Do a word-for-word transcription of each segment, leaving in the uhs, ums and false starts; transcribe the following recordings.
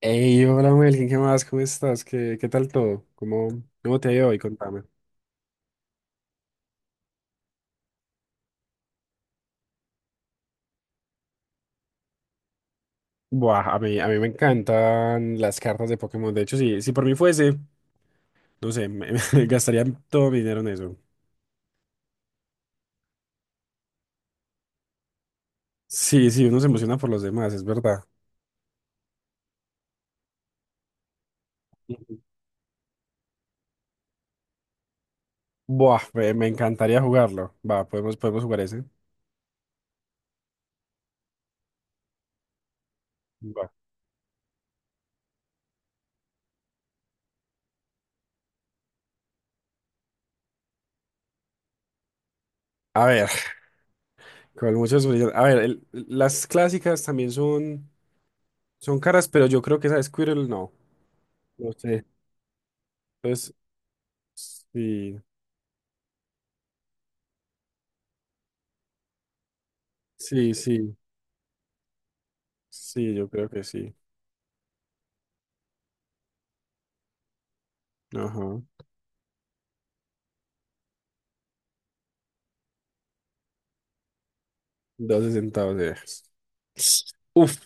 Hey, hola Melkin, ¿qué más? ¿Cómo estás? ¿Qué, qué tal todo? ¿Cómo, cómo te ha ido hoy? Contame. Buah, a mí, a mí me encantan las cartas de Pokémon. De hecho, si, si por mí fuese, no sé, me, me gastaría todo mi dinero en eso. Sí, sí, uno se emociona por los demás, es verdad. Ujú. Buah, me, me encantaría jugarlo. Va, podemos, podemos jugar ese. Va. A ver, con muchos brillantes. A ver, el- las clásicas también son, son caras, pero yo creo que esa de Squirtle no. No sé. Entonces, sí, sí, sí. Sí, yo creo que sí. Ajá. doce centavos de. Uf.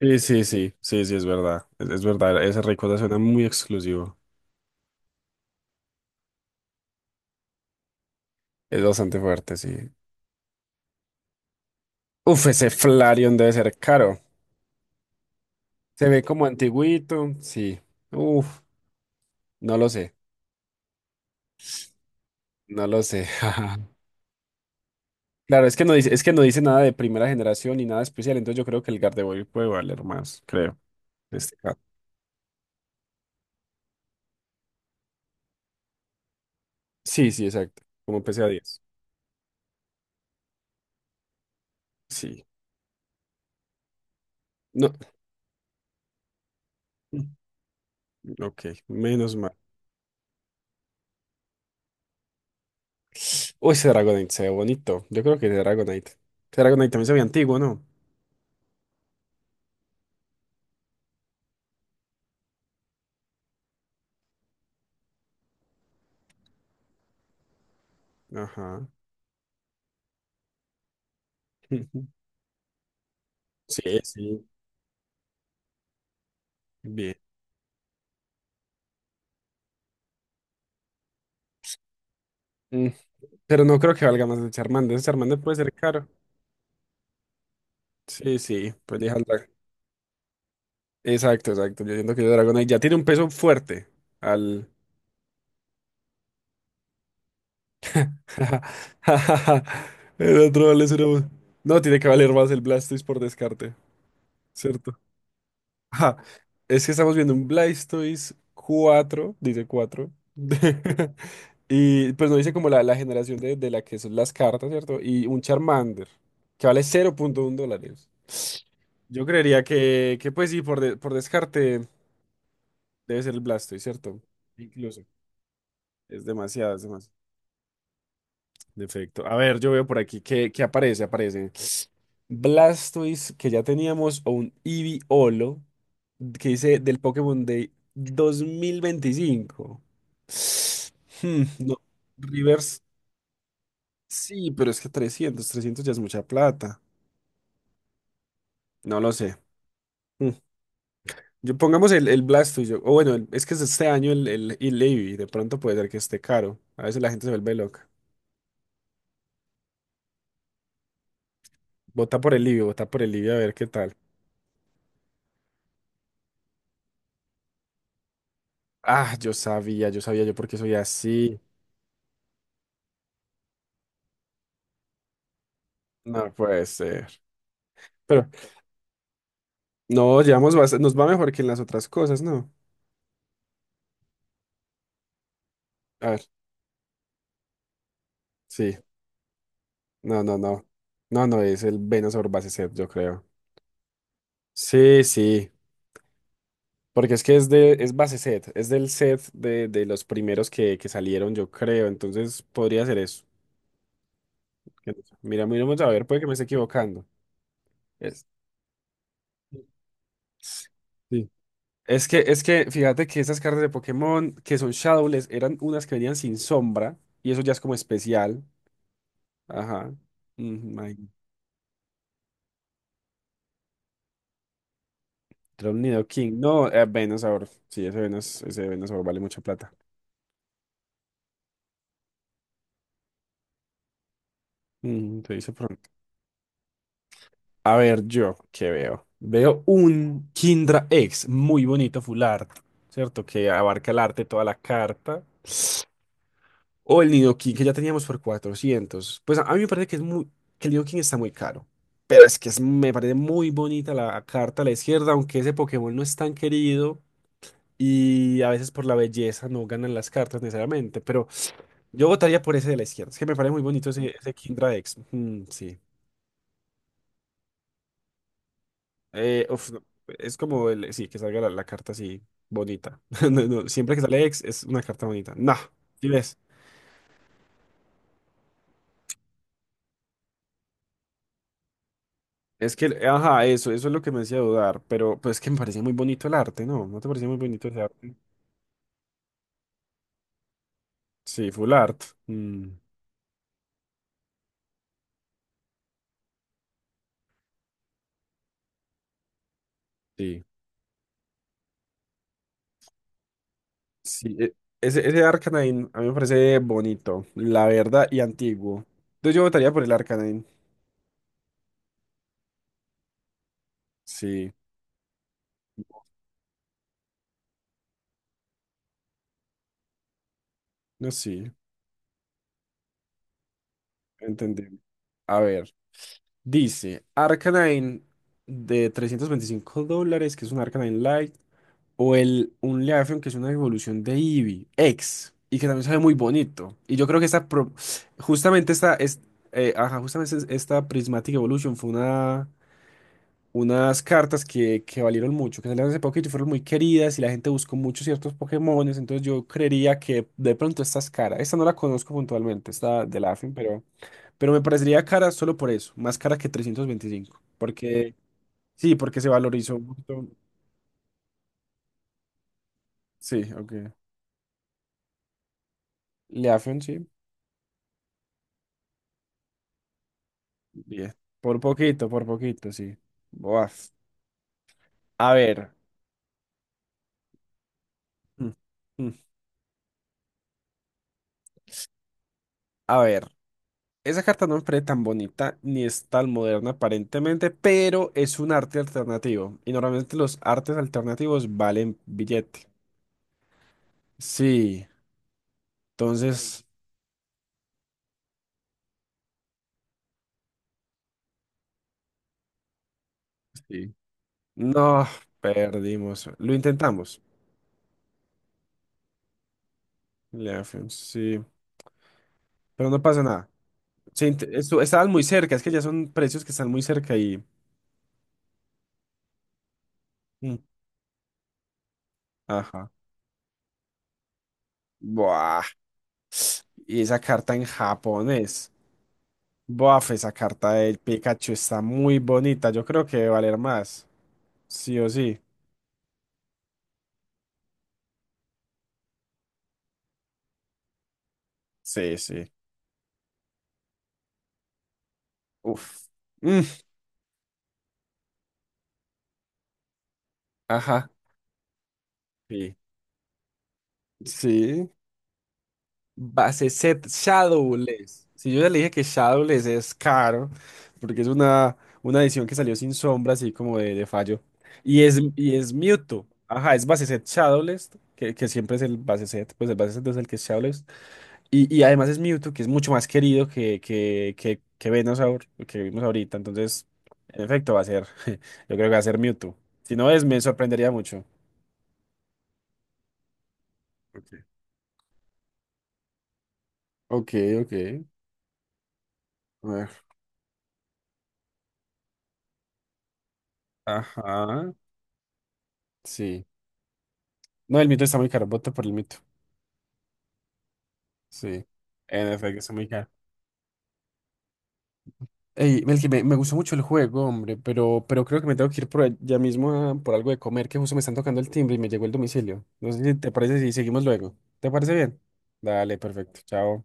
Sí, sí, sí, sí, sí, es verdad. Es, es verdad, ese Rayquaza suena muy exclusivo. Es bastante fuerte, sí. Uf, ese Flareon debe ser caro. Se ve como antiguito, sí. Uf, no lo sé, no lo sé. Claro, es que no dice, es que no dice nada de primera generación ni nada especial, entonces yo creo que el Gardevoir puede valer más, creo, en este caso. Sí, sí, exacto. Como P C A diez. Sí. No. Ok, menos mal. Uy, ese Dragonite se ve bonito. Yo creo que ese Dragonite. Ese Dragonite también se ve antiguo, ¿no? Ajá. Sí, sí. Bien. Mm, Pero no creo que valga más el Charmander. Ese Charmander puede ser caro. Sí, sí. Pues deja el Dra- Exacto, exacto. Yo siento que ese Dragonite ya tiene un peso fuerte. Al. El otro vale cero. No, tiene que valer más el Blastoise por descarte. ¿Cierto? Ajá, es que estamos viendo un Blastoise cuatro dice cuatro. Y pues no dice como la, la generación de, de la que son las cartas, ¿cierto? Y un Charmander, que vale cero punto uno dólares. Yo creería que, que pues sí, por, de- por descarte debe ser el Blastoise, ¿cierto? Incluso. Es demasiado, es demasiado. Defecto. A ver, yo veo por aquí que, que aparece, aparece. Blastoise que ya teníamos o un Eevee-Olo que dice del Pokémon Day dos mil veinticinco. Hmm, no, Rivers, sí, pero es que trescientos trescientos ya es mucha plata. No lo sé. Hmm. Yo pongamos el, el Blastoise, o bueno, el- es que es este año el, el, el Eevee, de pronto puede ser que esté caro. A veces la gente se vuelve loca. Vota por el Eevee, vota por el Eevee a ver qué tal. Ah, yo sabía, yo sabía yo por qué soy así. No puede ser. Pero no, llevamos bast- nos va mejor que en las otras cosas, ¿no? A ver, sí. No, no, no. No, no, es el Venusaur base set, yo creo. Sí, sí. Porque es que es de, es base set, es del set de, de los primeros que, que salieron, yo creo. Entonces podría ser eso. Que no sé. Mira, miramos a ver, puede que me esté equivocando. Es, sí. Es que, es que, fíjate que esas cartas de Pokémon que son Shadowless eran unas que venían sin sombra, y eso ya es como especial. Ajá. Ujú, imagínate. Nido King. No, eh, Venusaur. Sí, ese Venus, ese Venusaur vale mucha plata. Mm, te dice pronto. A ver, yo, ¿qué veo? Veo un Kindra X muy bonito, full art, ¿cierto? Que abarca el arte, toda la carta. O el Nidoking que ya teníamos por cuatrocientos. Pues a, a mí me parece que es muy, que el Nidoking está muy caro. Pero es que es- me parece muy bonita la carta a la izquierda, aunque ese Pokémon no es tan querido. Y a veces por la belleza no ganan las cartas necesariamente. Yo votaría por ese de la izquierda. Es que me parece muy bonito ese, ese Kindra X. Mm, sí. Eh, uf, no, es como el, sí, que salga la, la carta así bonita. No, no, siempre que sale X es una carta bonita. Nah, ¿sí ves? Es que, ajá, eso, eso es lo que me hacía dudar. Pero pues es que me parecía muy bonito el arte, ¿no? ¿No te parecía muy bonito ese arte? Sí, full art. Mm, sí. Sí, e- ese, ese Arcanine a mí me parece bonito, la verdad, y antiguo. Entonces yo votaría por el Arcanine. Sí, no, sí, entendí. A ver. Dice, Arcanine de trescientos veinticinco dólares, que es un Arcanine Light, o el un Leafeon, que es una evolución de Eevee, X, y que también sabe muy bonito. Y yo creo que esta, pro- justamente esta, es, eh, ajá, justamente es- esta Prismatic Evolution fue una, unas cartas que, que valieron mucho, que salieron hace poquito y fueron muy queridas, y la gente buscó muchos ciertos Pokémones, entonces yo creería que de pronto esta es cara. Esta no la conozco puntualmente, esta de Leafeon, pero me parecería cara solo por eso, más cara que trescientos veinticinco. Porque, sí, porque se valorizó un montón. Sí, ok. Leafeon, sí. Bien. Por poquito, por poquito, sí. Boaf. A ver. Mm, mm. A ver. Esa carta no me parece tan bonita ni es tan moderna aparentemente, pero es un arte alternativo. Y normalmente los artes alternativos valen billete. Sí. Entonces, sí. No, perdimos. Lo intentamos. Leafeon, sí. Pero no pasa nada. Se int- estu- estaban muy cerca, es que ya son precios que están muy cerca y. Mm, ajá. Buah. Y esa carta en japonés. Buah, esa carta del Pikachu está muy bonita. Yo creo que debe valer más. Sí o sí. Sí, sí. Uf. Mm, ajá. Sí. Sí. Base set Shadowless. Si yo ya le dije que Shadowless es caro, porque es una, una edición que salió sin sombra, así como de, de fallo. Y es, y es Mewtwo. Ajá, es base set Shadowless, que, que siempre es el base set, pues el base set es el que es Shadowless. Y, y además es Mewtwo, que es mucho más querido que, que, que, que Venusaur, que vimos ahorita. Entonces, en efecto, va a ser, yo creo que va a ser Mewtwo. Si no es, me sorprendería mucho. Ok, ok, ok. A ver, ajá, sí. No, el mito está muy caro, voto por el mito. Sí, en efecto, está muy caro. Ey, Melqui, me, me gustó mucho el juego, hombre, pero, pero creo que me tengo que ir por allá mismo a- por algo de comer, que justo me están tocando el timbre y me llegó el domicilio. No sé si te parece si seguimos luego. ¿Te parece bien? Dale, perfecto. Chao.